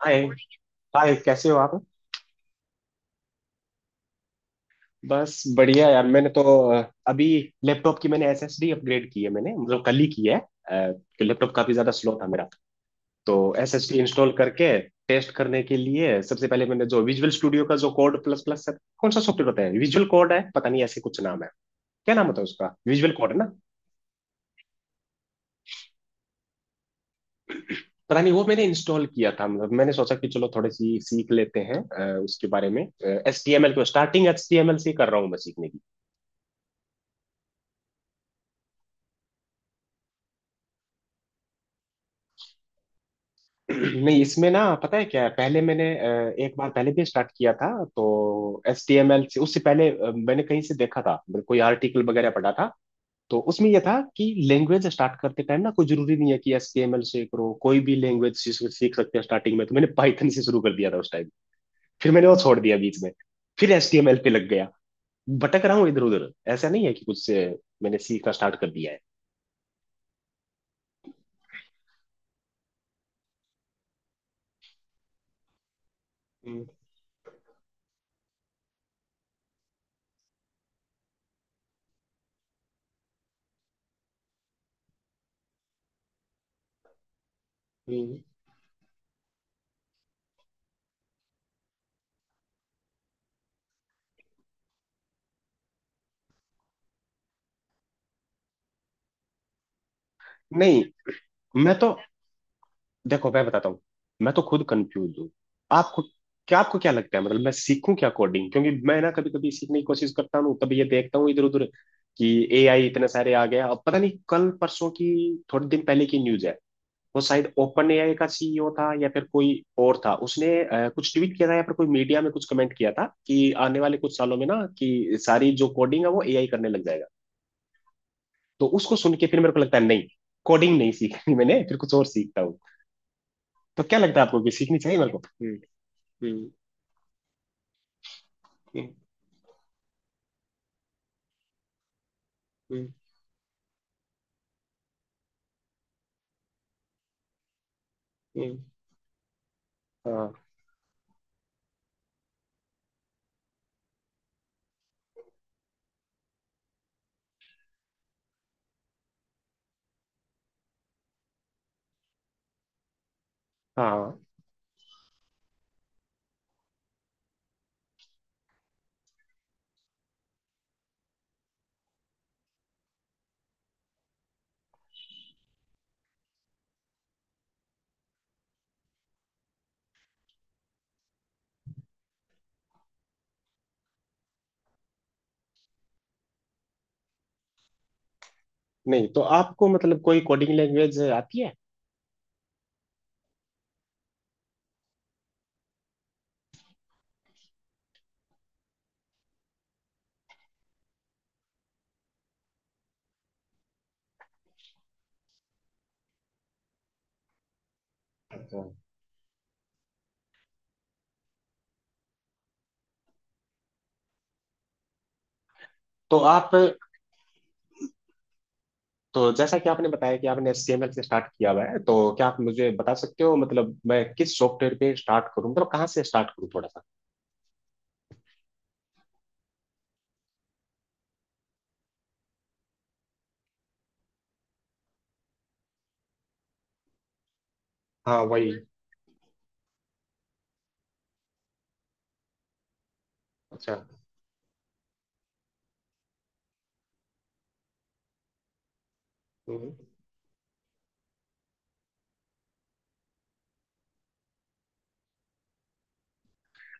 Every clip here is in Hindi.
हाय। हाय कैसे हो आप। बस बढ़िया यार मैंने तो अ, अभी लैपटॉप की मैंने एसएसडी अपग्रेड की है मैंने मतलब कल ही की है। कि लैपटॉप काफी ज्यादा स्लो था मेरा। तो एसएसडी इंस्टॉल करके टेस्ट करने के लिए सबसे पहले मैंने जो विजुअल स्टूडियो का जो कोड प्लस प्लस है कौन सा सॉफ्टवेयर होता है विजुअल कोड है पता नहीं ऐसे कुछ नाम है। क्या नाम होता है उसका, विजुअल कोड है ना। पता नहीं वो मैंने इंस्टॉल किया था मतलब मैंने सोचा कि चलो थोड़ी सी सीख लेते हैं उसके बारे में। एच टी एम एल को, starting H T M L से ही कर रहा हूँ मैं सीखने। नहीं इसमें ना पता है क्या है, पहले मैंने एक बार पहले भी स्टार्ट किया था तो एच टी एम एल से। उससे पहले मैंने कहीं से देखा था मतलब कोई आर्टिकल वगैरह पढ़ा था, तो उसमें यह था कि लैंग्वेज स्टार्ट करते टाइम ना कोई जरूरी नहीं है कि एच टी एम एल से करो, कोई भी लैंग्वेज सीख सकते हैं स्टार्टिंग में। तो मैंने पाइथन से शुरू कर दिया था उस टाइम। फिर मैंने वो छोड़ दिया बीच में, फिर एच टी एम एल पे लग गया। भटक रहा हूँ इधर उधर, ऐसा नहीं है कि कुछ से मैंने सीखना स्टार्ट कर दिया है। हम्म। हम्म। नहीं, मैं तो, देखो मैं बताता हूँ, मैं तो खुद कंफ्यूज हूँ। आपको क्या, आपको क्या लगता है, मतलब मैं सीखूं क्या कोडिंग? क्योंकि मैं ना कभी कभी सीखने की कोशिश करता हूँ तभी ये देखता हूँ इधर उधर कि एआई इतने सारे आ गए। अब पता नहीं कल परसों की, थोड़े दिन पहले की न्यूज है, वो शायद ओपन एआई का सीईओ था या फिर कोई और था, उसने कुछ ट्वीट किया था या फिर कोई मीडिया में कुछ कमेंट किया था कि आने वाले कुछ सालों में ना कि सारी जो कोडिंग है वो एआई करने लग जाएगा। तो उसको सुन के फिर मेरे को लगता है नहीं, कोडिंग नहीं सीखनी, मैंने फिर कुछ और सीखता हूँ। तो क्या लगता है आपको कि सीखनी चाहिए मेरे को? हम्म। हम्म। हम्म। हम्म। हम्म। हाँ। हाँ। नहीं तो आपको मतलब कोई कोडिंग लैंग्वेज आती है? अच्छा। तो आप, तो जैसा कि आपने बताया कि आपने HTML से स्टार्ट किया हुआ है, तो क्या आप मुझे बता सकते हो मतलब मैं किस सॉफ्टवेयर पे स्टार्ट करूँ, मतलब कहाँ से स्टार्ट करूँ थोड़ा सा। हाँ वही। अच्छा। हम्म।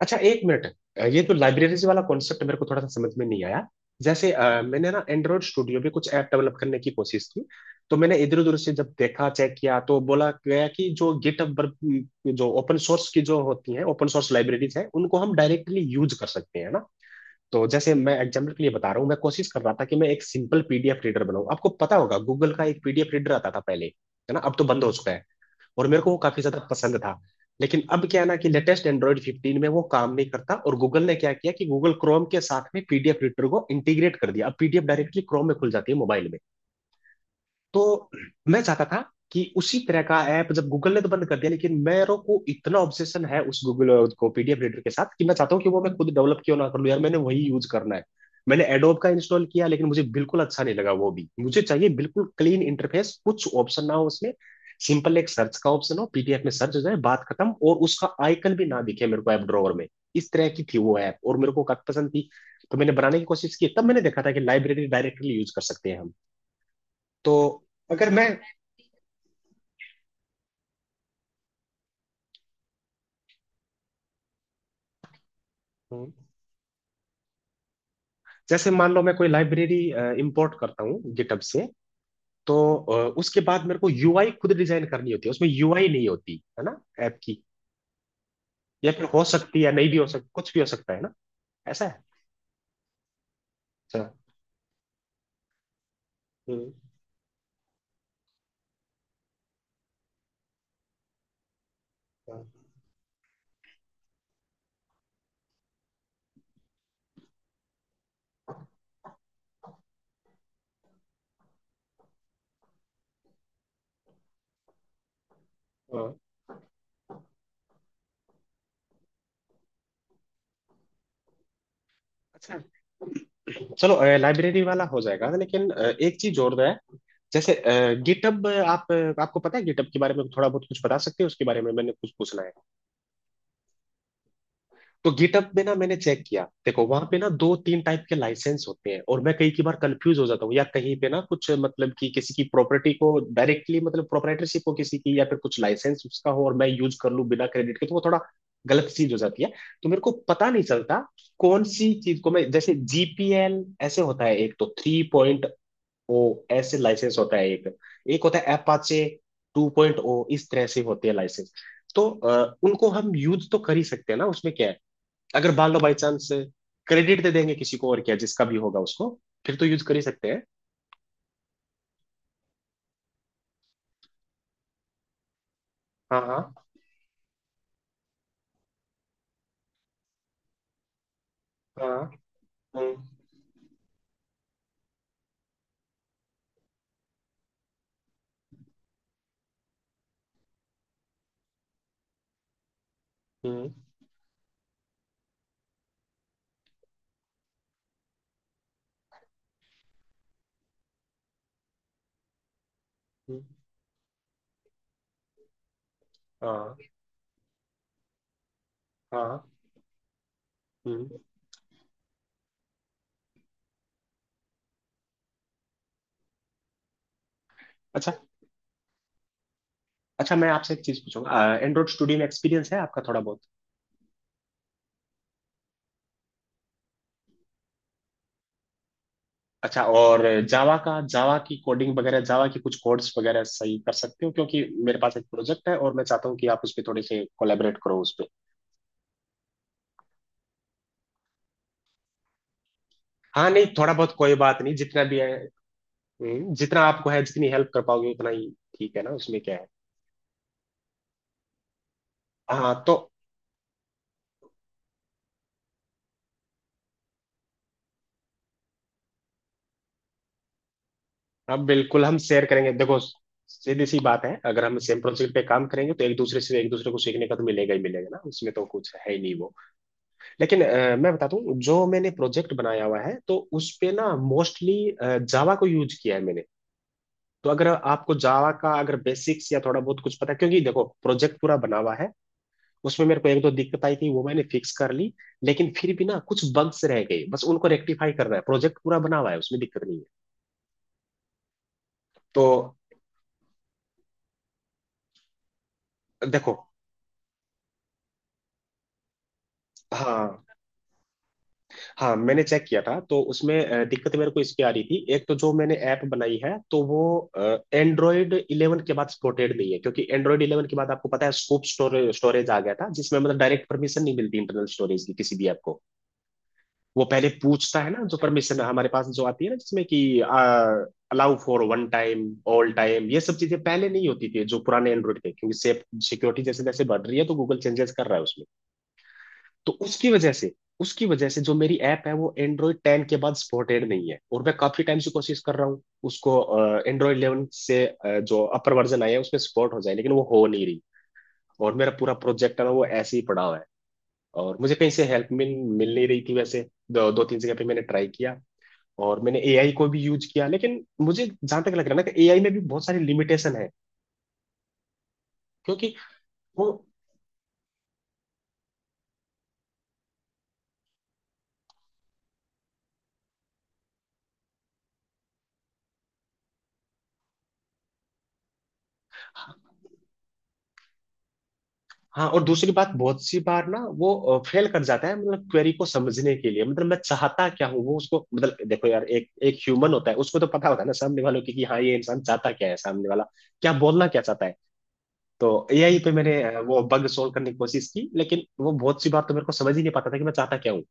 अच्छा एक मिनट, ये तो लाइब्रेरीज वाला कॉन्सेप्ट मेरे को थोड़ा सा समझ में नहीं आया। जैसे मैंने ना एंड्रॉइड स्टूडियो पे कुछ ऐप डेवलप करने की कोशिश की, तो मैंने इधर उधर से जब देखा चेक किया तो बोला गया कि जो गिटहब पर जो ओपन सोर्स की जो होती हैं, ओपन सोर्स लाइब्रेरीज हैं, उनको हम डायरेक्टली यूज कर सकते हैं ना। तो जैसे मैं एग्जाम्पल के लिए बता रहा हूँ, मैं कोशिश कर रहा था कि मैं एक सिंपल पीडीएफ रीडर बनाऊँ। आपको पता होगा गूगल का एक पीडीएफ रीडर आता था पहले है ना, अब तो बंद हो चुका है, और मेरे को वो काफी ज्यादा पसंद था। लेकिन अब क्या है ना कि लेटेस्ट एंड्रॉइड 15 में वो काम नहीं करता, और गूगल ने क्या किया कि गूगल क्रोम के साथ में पीडीएफ रीडर को इंटीग्रेट कर दिया, अब पीडीएफ डायरेक्टली क्रोम में खुल जाती है मोबाइल में। तो मैं चाहता था कि उसी तरह का ऐप, जब गूगल ने तो बंद कर दिया लेकिन मेरे को इतना ऑब्सेशन है उस गूगल को पीडीएफ रीडर के साथ, कि मैं चाहता हूँ कि वो मैं खुद डेवलप क्यों ना कर लूँ यार, मैंने वही यूज करना है। मैंने एडोब का इंस्टॉल किया लेकिन मुझे बिल्कुल अच्छा नहीं लगा, वो भी मुझे चाहिए बिल्कुल क्लीन इंटरफेस, कुछ ऑप्शन ना हो उसमें, सिंपल एक सर्च का ऑप्शन हो, पीडीएफ में सर्च हो जाए बात खत्म, और उसका आइकन भी ना दिखे मेरे को ऐप ड्रॉवर में। इस तरह की थी वो ऐप, और मेरे को काफी पसंद थी। तो मैंने बनाने की कोशिश की तब मैंने देखा था कि लाइब्रेरी डायरेक्टली यूज कर सकते हैं हम। तो अगर मैं, हम्म। जैसे मान लो मैं कोई लाइब्रेरी इंपोर्ट करता हूँ गिटहब से, तो उसके बाद मेरे को यूआई खुद डिजाइन करनी होती है, उसमें यूआई नहीं होती है ना ऐप की, या फिर हो सकती है, नहीं भी हो सकती, कुछ भी हो सकता है ना ऐसा है। अच्छा। हम्म। हाँ। हाँ। अच्छा चलो लाइब्रेरी वाला हो जाएगा, लेकिन एक चीज और है। जैसे गिटहब आप, आपको पता है गिटहब के बारे में थोड़ा बहुत? कुछ बता सकते हैं उसके बारे में, मैंने कुछ पूछना है। तो गिटअप में ना मैंने चेक किया, देखो वहां पे ना दो तीन टाइप के लाइसेंस होते हैं, और मैं कई की बार कंफ्यूज हो जाता हूँ या कहीं पे ना कुछ, मतलब कि किसी की प्रॉपर्टी को डायरेक्टली मतलब प्रोपराइटरशिप हो किसी की, या फिर कुछ लाइसेंस उसका हो और मैं यूज कर लूँ बिना क्रेडिट के, तो वो थोड़ा गलत चीज हो जाती है। तो मेरे को पता नहीं चलता कौन सी चीज को। मैं जैसे जीपीएल ऐसे होता है एक, तो थ्री पॉइंट ओ ऐसे लाइसेंस होता है एक, एक होता है एपाचे टू पॉइंट ओ, इस तरह से होते हैं लाइसेंस। तो उनको हम यूज तो कर ही सकते हैं ना, उसमें क्या है अगर मान लो बाई चांस क्रेडिट दे देंगे किसी को, और क्या, जिसका भी होगा उसको, फिर तो यूज कर ही सकते हैं। हाँ। हाँ। हाँ। हम्म। हम्म। हम्म। हाँ। हाँ। हम्म। अच्छा। अच्छा, मैं आपसे एक चीज पूछूंगा, एंड्रॉइड स्टूडियो में एक्सपीरियंस है आपका थोड़ा बहुत? अच्छा। और जावा का, जावा की कोडिंग वगैरह, जावा की कुछ कोड्स वगैरह सही कर सकते हो, क्योंकि मेरे पास एक प्रोजेक्ट है और मैं चाहता हूँ कि आप उस पर थोड़े से कोलेबरेट करो उस पे। हाँ नहीं थोड़ा बहुत कोई बात नहीं, जितना भी है। जितना आपको है जितनी हेल्प कर पाओगे उतना ही। ठीक है ना, उसमें क्या है। हाँ तो अब बिल्कुल हम शेयर करेंगे। देखो सीधी सी बात है, अगर हम सेम प्रोजेक्ट पे काम करेंगे तो एक दूसरे से, एक दूसरे को सीखने का तो मिलेगा ही मिलेगा ना, उसमें तो कुछ है ही नहीं वो। लेकिन मैं बताता हूँ, जो मैंने प्रोजेक्ट बनाया हुआ है तो उस पे ना मोस्टली जावा को यूज किया है मैंने। तो अगर आपको जावा का अगर बेसिक्स या थोड़ा बहुत कुछ पता है, क्योंकि देखो प्रोजेक्ट पूरा बना हुआ है, उसमें मेरे को एक दो दिक्कत आई थी, वो मैंने फिक्स कर ली, लेकिन फिर भी ना कुछ बग्स रह गए, बस उनको रेक्टिफाई करना है, प्रोजेक्ट पूरा बना हुआ है, उसमें दिक्कत नहीं है। तो देखो, हाँ, हाँ मैंने चेक किया था तो उसमें दिक्कत मेरे को इसकी आ रही थी, एक तो जो मैंने ऐप बनाई है तो वो एंड्रॉयड इलेवन के बाद सपोर्टेड नहीं है, क्योंकि एंड्रॉयड इलेवन के बाद आपको पता है स्कूप स्टोरेज, स्टोरेज आ गया था, जिसमें मतलब डायरेक्ट परमिशन नहीं मिलती इंटरनल स्टोरेज की किसी भी ऐप को। वो पहले पूछता है ना जो परमिशन हमारे पास जो आती है ना, जिसमें कि allow for one time, all time, ये सब चीजें पहले नहीं होती थी जो पुराने एंड्रॉयड थे। क्योंकि सेफ, सिक्योरिटी जैसे जैसे बढ़ रही है तो गूगल चेंजेस कर रहा है उसमें। तो उसकी वजह से, उसकी वजह से जो मेरी ऐप है वो एंड्रॉयड टेन के बाद सपोर्टेड नहीं है, और मैं काफी टाइम से कोशिश कर रहा हूँ उसको एंड्रॉयड इलेवन से जो अपर वर्जन आया है उसमें सपोर्ट हो जाए, लेकिन वो हो नहीं रही, और मेरा पूरा प्रोजेक्ट है ना वो ऐसे ही पड़ा हुआ है। और मुझे कहीं से हेल्प मिल मिल नहीं रही थी, वैसे दो तीन जगह पे मैंने ट्राई किया, और मैंने एआई को भी यूज किया, लेकिन मुझे जहां तक लग रहा है ना कि एआई में भी बहुत सारी लिमिटेशन है, क्योंकि वो, हाँ। और दूसरी बात बहुत सी बार ना वो फेल कर जाता है मतलब क्वेरी को समझने के लिए, मतलब मैं चाहता क्या हूँ वो उसको, मतलब देखो यार एक एक ह्यूमन होता है उसको तो पता होता है ना सामने वालों की कि हाँ ये इंसान चाहता क्या है, सामने वाला क्या बोलना क्या चाहता है। तो एआई पे मैंने वो बग सोल्व करने की कोशिश की, लेकिन वो बहुत सी बार तो मेरे को समझ ही नहीं पाता था कि मैं चाहता क्या हूँ।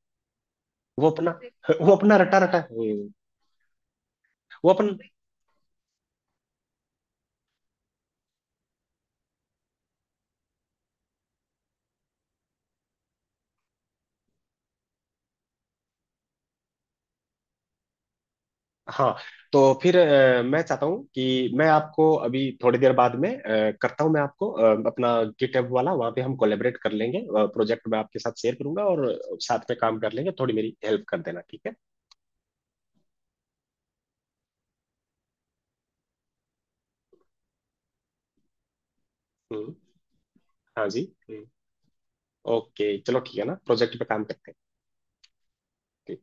वो अपना वो अपना रटा रटा वो अपन। हाँ तो फिर मैं चाहता हूँ कि मैं आपको अभी थोड़ी देर बाद में करता हूँ, मैं आपको अपना गिटहब वाला, वहाँ पे हम कोलेबरेट कर लेंगे, प्रोजेक्ट मैं आपके साथ शेयर करूंगा और साथ में काम कर लेंगे, थोड़ी मेरी हेल्प कर देना, ठीक है। हम्म। हाँ जी। हम्म। ओके चलो ठीक है ना, प्रोजेक्ट पे काम करते हैं। ठीक।